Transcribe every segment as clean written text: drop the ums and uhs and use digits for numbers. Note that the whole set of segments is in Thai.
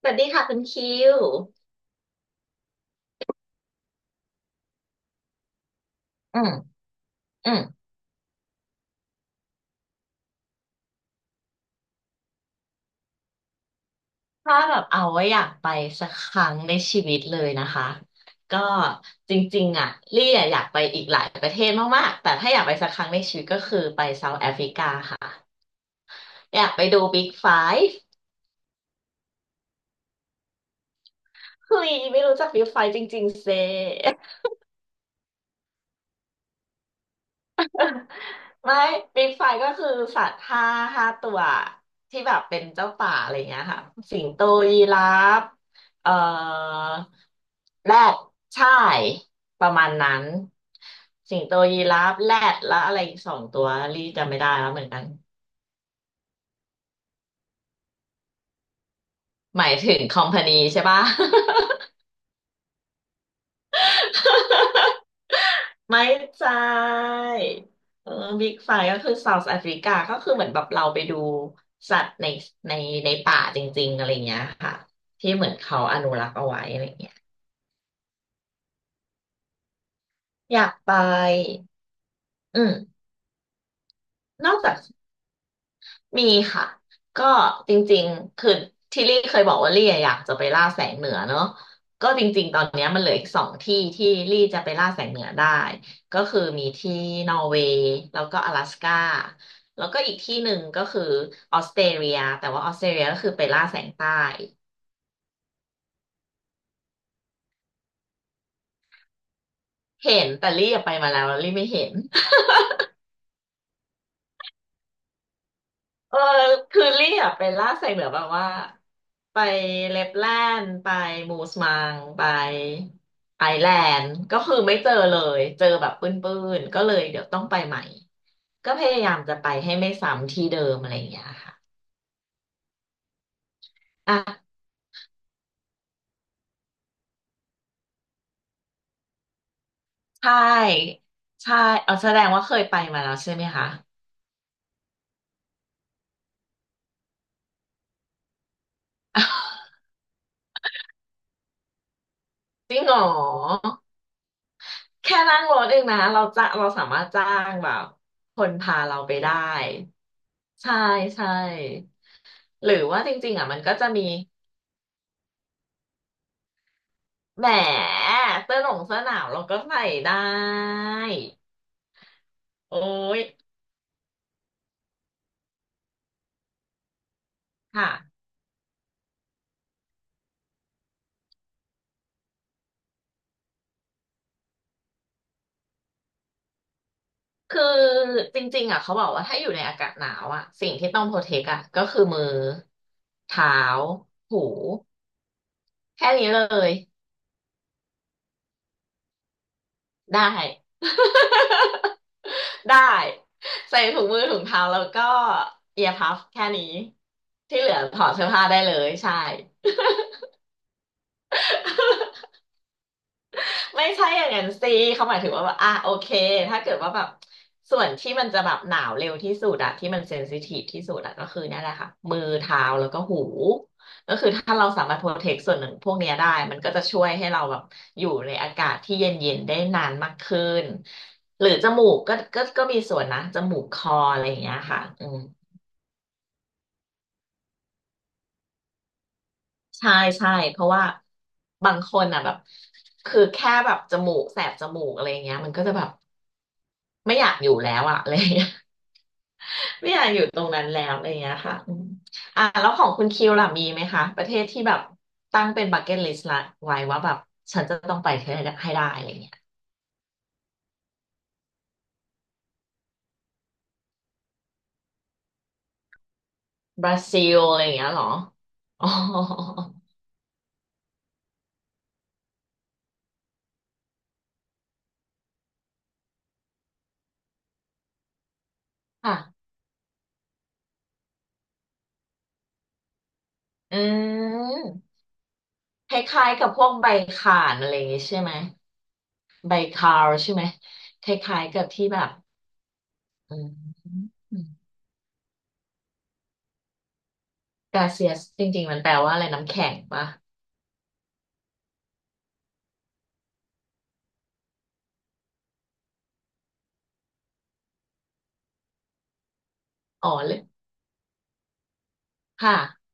สวัสดีค่ะคุณคิว อืม อืม ถ้าแบบเอาไว้อยากไปสักครั้งในชีวิตเลยนะคะ ก็จริงๆอ่ะลี่อะอยากไปอีกหลายประเทศมากๆ แต่ถ้าอยากไปสักครั้งในชีวิตก็คือไปเซาท์แอฟริกาค่ะ อยากไปดูบิ๊กไฟว์เฮ้ยไม่รู้จักบิ๊กไฟว์จริงๆเซ ไม่บิ๊กไฟก็คือสัตว์ห้าห้าตัวที่แบบเป็นเจ้าป่าอะไรเงี้ยค่ะสิงโตยีราฟเอ่อแรดใช่ประมาณนั้นสิงโตยีราฟแรดแล้วอะไรอีกสองตัวรีจำไม่ได้แล้วเหมือนกันหมายถึงคอมพานีใช่ปะ ไม่ใช่เออบิ๊กไฟก็คือเซาท์แอฟริกาก็คือเหมือนแบบเราไปดูสัตว์ในในในป่าจริงๆอะไรเงี้ยค่ะที่เหมือนเขาอนุรักษ์เอาไว้อะไรเงี้ยอยากไปอืมนอกจาก มีค่ะก็จริงๆคือที่ลี่เคยบอกว่าลี่อะอยากจะไปล่าแสงเหนือเนอะก็จริงๆตอนเนี้ยมันเหลืออีกสองที่ที่ลี่จะไปล่าแสงเหนือได้ก็คือมีที่นอร์เวย์แล้วก็阿拉斯ก้าแล้วก็อีกที่หนึ่งก็คือออสเตรเลียแต่ว่าออสเตรเลียก็คือไปล่าแสงใต้เห็นแต่ลี่อะไปมาแล้วแล้วลี่ไม่เห็น เออคือลี่อะไปล่าไซเบอร์แบบว่าไปเลปแลนด์ไปมูสมังไปไอแลนด์ก็คือไม่เจอเลยเจอแบบปื้นๆก็เลยเดี๋ยวต้องไปใหม่ก็พยายามจะไปให้ไม่ซ้ำที่เดิมอะไรอย่างเงี้ยค่ะอ่ะใช่ใช่เอาแสดงว่าเคยไปมาแล้วใช่ไหมคะ จริงเหรอแค่นั่งรถเองนะเราจะเราสามารถจ้างแบบคนพาเราไปได้ใช่ใช่หรือว่าจริงๆอ่ะมันก็จะมี แหมเสื้อหนงเสื้อหนาวเราก็ใส่ได้โอ้ยค่ะคือจริงๆอ่ะเขาบอกว่าถ้าอยู่ในอากาศหนาวอ่ะสิ่งที่ต้องโปรเทคอ่ะก็คือมือเท้าหูแค่นี้เลยได้ ได้ใส่ถุงมือถุงเท้าแล้วก็เอียร์พัฟแค่นี้ที่เหลือถอดเสื้อผ้าได้เลยใช่ ไม่ใช่อย่างนั้นสิเขาหมายถึงว่าแบบอ่ะโอเคถ้าเกิดว่าแบบส่วนที่มันจะแบบหนาวเร็วที่สุดอะที่มันเซนซิทีฟที่สุดอะก็คือเนี่ยแหละค่ะมือเท้าแล้วก็หูก็คือถ้าเราสามารถโปรเทคส่วนหนึ่งพวกเนี้ยได้มันก็จะช่วยให้เราแบบอยู่ในอากาศที่เย็นๆได้นานมากขึ้นหรือจมูกก็มีส่วนนะจมูกคออะไรอย่างเงี้ยค่ะอืมใช่ใช่เพราะว่าบางคนอ่ะแบบคือแค่แบบจมูกแสบจมูกอะไรอย่างเงี้ยมันก็จะแบบไม่อยากอยู่แล้วอ่ะอะไรอย่างเงี้ย ไม่อยากอยู่ตรงนั้นแล้วอะไรอย่างเงี้ยค่ะอืมอ่าแล้วของคุณคิวล่ะมีไหมคะประเทศที่แบบตั้งเป็นบักเก็ตลิสต์ละไว้ว่าแบบฉันจะต้องไปให้ได้ให้ได้อะไรอย่างเงี้ยบราซิลอะไรอย่างเงี้ยเหรออ๋อค่ะอืมคล้ายๆกับพวกใบข่านอะไรอย่างงี้ใช่ไหมใบคาวใช่ไหมคล้ายๆกับที่แบบอืมกาเซียสจริงๆมันแปลว่าอะไรน้ำแข็งปะอ๋อเลยค่ะ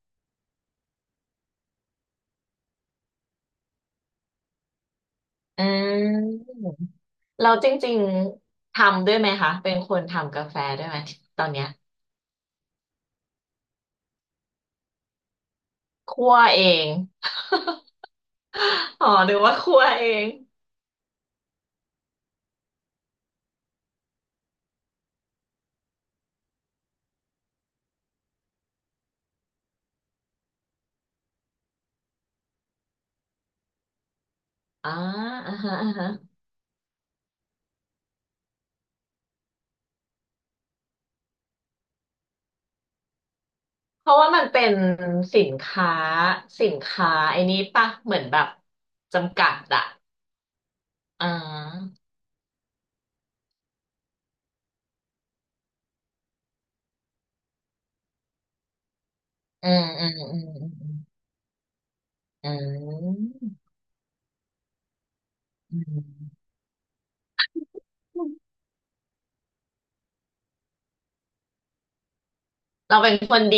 อ่าเราจริงๆทำด้วยไหมคะเป็นคนทำกาแฟด้วยไหมตอนเนี้ยคั่วเอง อ๋อหรือว่าคั่วเองอ่าอ่าฮะอ่าฮะเพราะว่ามันเป็นสินค้าสินค้าไอ้นี้ปะเหมือนแบบจำกัดอะอ่าอืมอืมอืมอืมอืมอืมเราเป็นคนดี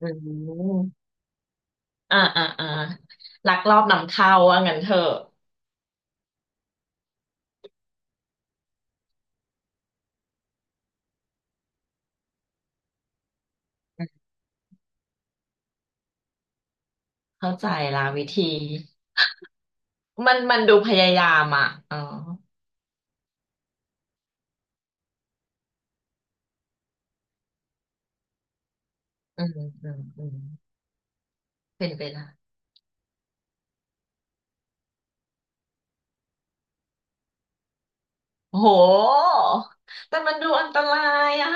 อืมอ่าอ่าอ่าลักลอบนำเข้าว่างั้นเถอะ เข้าใจละวิธีมันดูพยายามอ่ะอ๋ออืมอืมอืมเป็นไปได้โอ้โหแต่มันดูอันตรายอ่ะ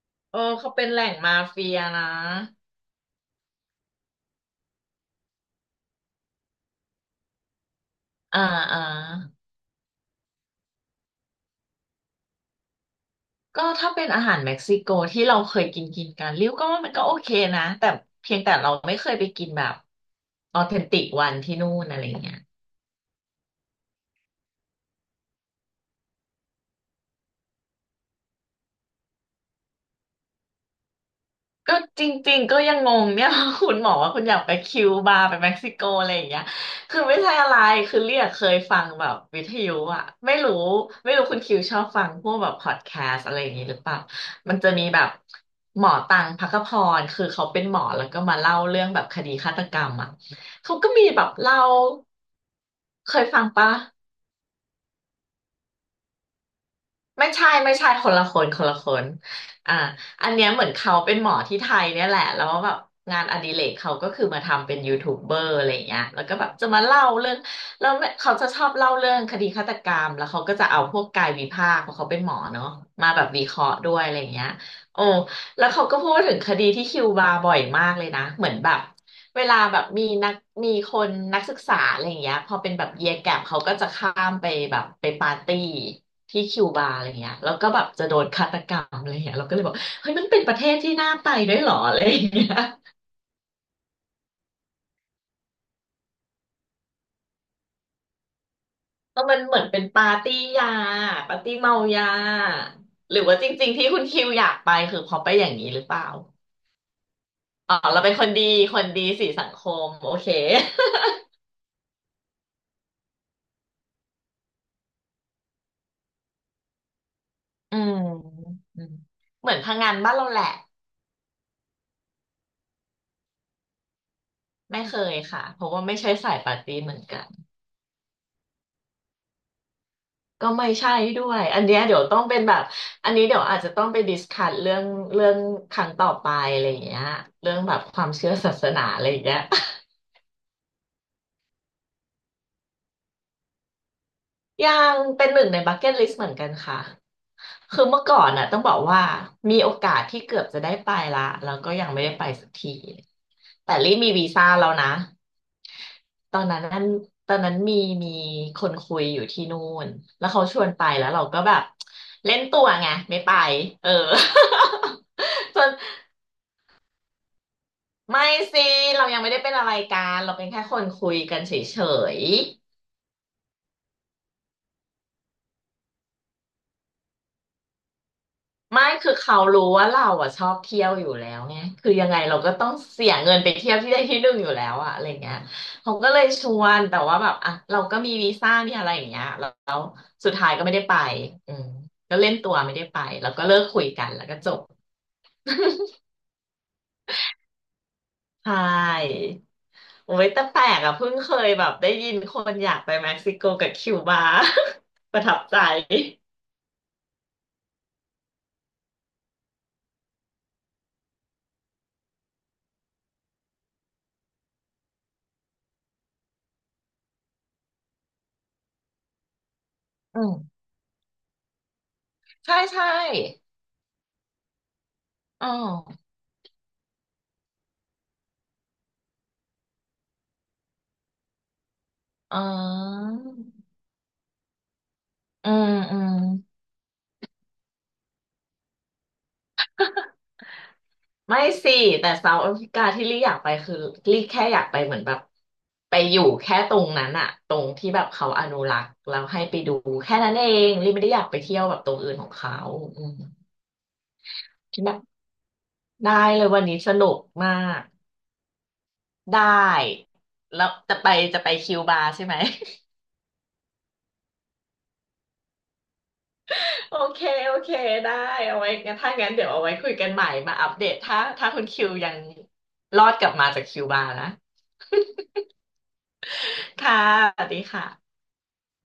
เออเขาเป็นแหล่งมาเฟียนะอ่าอ่าก็ถ้าเป็นอาหารเม็กซิโกที่เราเคยกินกินกันริ้วก็ว่ามันก็โอเคนะแต่เพียงแต่เราไม่เคยไปกินแบบออเทนติกวันที่นู่นอะไรอย่างเงี้ย ก็จริงๆก็ยังงงเนี่ย คุณหมอว่าคุณอยากไปคิวบาไปเม็กซิโกอะไรอย่างเงี้ยคือไม่ใช่อะไรคือเรียกเคยฟังแบบวิทยุอะไม่รู้ไม่รู้คุณคิวชอบฟังพวกแบบพอดแคสต์อะไรอย่างงี้หรือเปล่ามันจะมีแบบหมอตังภัคพรคือเขาเป็นหมอแล้วก็มาเล่าเรื่องแบบคดีฆาตกรรมอะเขาก็มีแบบเล่าเคยฟังปะ ไม่ใช่ไม่ใช่คนละคนคนละคนอ่าอันเนี้ยเหมือนเขาเป็นหมอที่ไทยเนี่ยแหละแล้วแบบงานอดิเรกเขาก็คือมาทำเป็นยูทูบเบอร์อะไรอย่างเงี้ยแล้วก็แบบจะมาเล่าเรื่องแล้วเขาจะชอบเล่าเรื่องคดีฆาตกรรมแล้วเขาก็จะเอาพวกกายวิภาคเพราะเขาเป็นหมอเนาะมาแบบวิเคราะห์ด้วยอะไรอย่างเงี้ยโอ้แล้วเขาก็พูดถึงคดีที่คิวบาบ่อยมากเลยนะเหมือนแบบเวลาแบบมีคนนักศึกษาอะไรอย่างเงี้ยพอเป็นแบบเยียแกปเขาก็จะข้ามไปแบบไปปาร์ตี้ ที่คิวบาอะไรเงี้ยแล้วก็แบบจะโดนฆาตกรรมอะไรเงี้ยเราก็เลยบอกเฮ้ยมันเป็นประเทศที่น่าไปด้วยเหรออะไรเงี้ยแล้วมันเหมือนเป็นปาร์ตี้ยาปาร์ตี้เมายาหรือว่าจริงๆที่คุณคิวอยากไปคือเพอไปอย่างนี้หรือเปล่าอ๋อเราเป็นคนดีคนดีสีสังคมโอเคอืมอืมเหมือนพังงานบ้านเราแหละไม่เคยค่ะเพราะว่าไม่ใช่สายปาร์ตี้เหมือนกัน ก็ไม่ใช่ด้วย อันเนี้ยเดี๋ยวต้องเป็นแบบ อันนี้เดี๋ยวอาจจะต้องไปดิสคัสเรื่องครั้งต่อไปอะไรอย่างเงี้ยเรื่องแบบความเชื่อศาสนาอะไรอย่างเงี้ย ยังเป็นหนึ่งในบักเก็ตลิสต์เหมือนกันค่ะคือเมื่อก่อนน่ะต้องบอกว่ามีโอกาสที่เกือบจะได้ไปละแล้วก็ยังไม่ได้ไปสักทีแต่รีบมีวีซ่าแล้วนะตอนนั้นนั่นตอนนั้นมีคนคุยอยู่ที่นู่นแล้วเขาชวนไปแล้วเราก็แบบเล่นตัวไงไม่ไปเออ จนไม่สิเรายังไม่ได้เป็นอะไรกันเราเป็นแค่คนคุยกันเฉย ไม่คือเขารู้ว่าเราอ่ะชอบเที่ยวอยู่แล้วไงคือยังไงเราก็ต้องเสียเงินไปเที่ยวที่ได้ ที่หนึ่งอยู่แล้วอะอะไรเงี้ยเขาก็เลยชวนแต่ว่าแบบอ่ะเราก็มีวีซ่ามีอะไรอย่างเงี้ยแล้วสุดท้ายก็ไม่ได้ไปอืมก็เล่นตัวไม่ได้ไปแล้วก็เลิกคุยกันแล้วก็จบใช่โอ้ยแต่แปลกอะเพิ่งเคยแบบได้ยินคนอยากไปเม็กซิโกกับคิวบา ประทับใจอืมใช่ใช่อ๋ออ๋ออืมอืม ไม่สิแต่เซาท์แอฟริกาที่ลี่อยากไปคือลี่แค่อยากไปเหมือนแบบไปอยู่แค่ตรงนั้นอะตรงที่แบบเขาอนุรักษ์แล้วให้ไปดูแค่นั้นเองลี่ไม่ได้อยากไปเที่ยวแบบตรงอื่นของเขาอืมคิดแบบได้เลยวันนี้สนุกมากได้แล้วจะไปจะไปคิวบาใช่ไหม โอเคโอเคได้เอาไว้งั้นถ้างั้นเดี๋ยวเอาไว้คุยกันใหม่มาอัปเดตถ้าถ้าคุณคิวยังรอดกลับมาจากคิวบานะค่ะสวัสดีค่ะ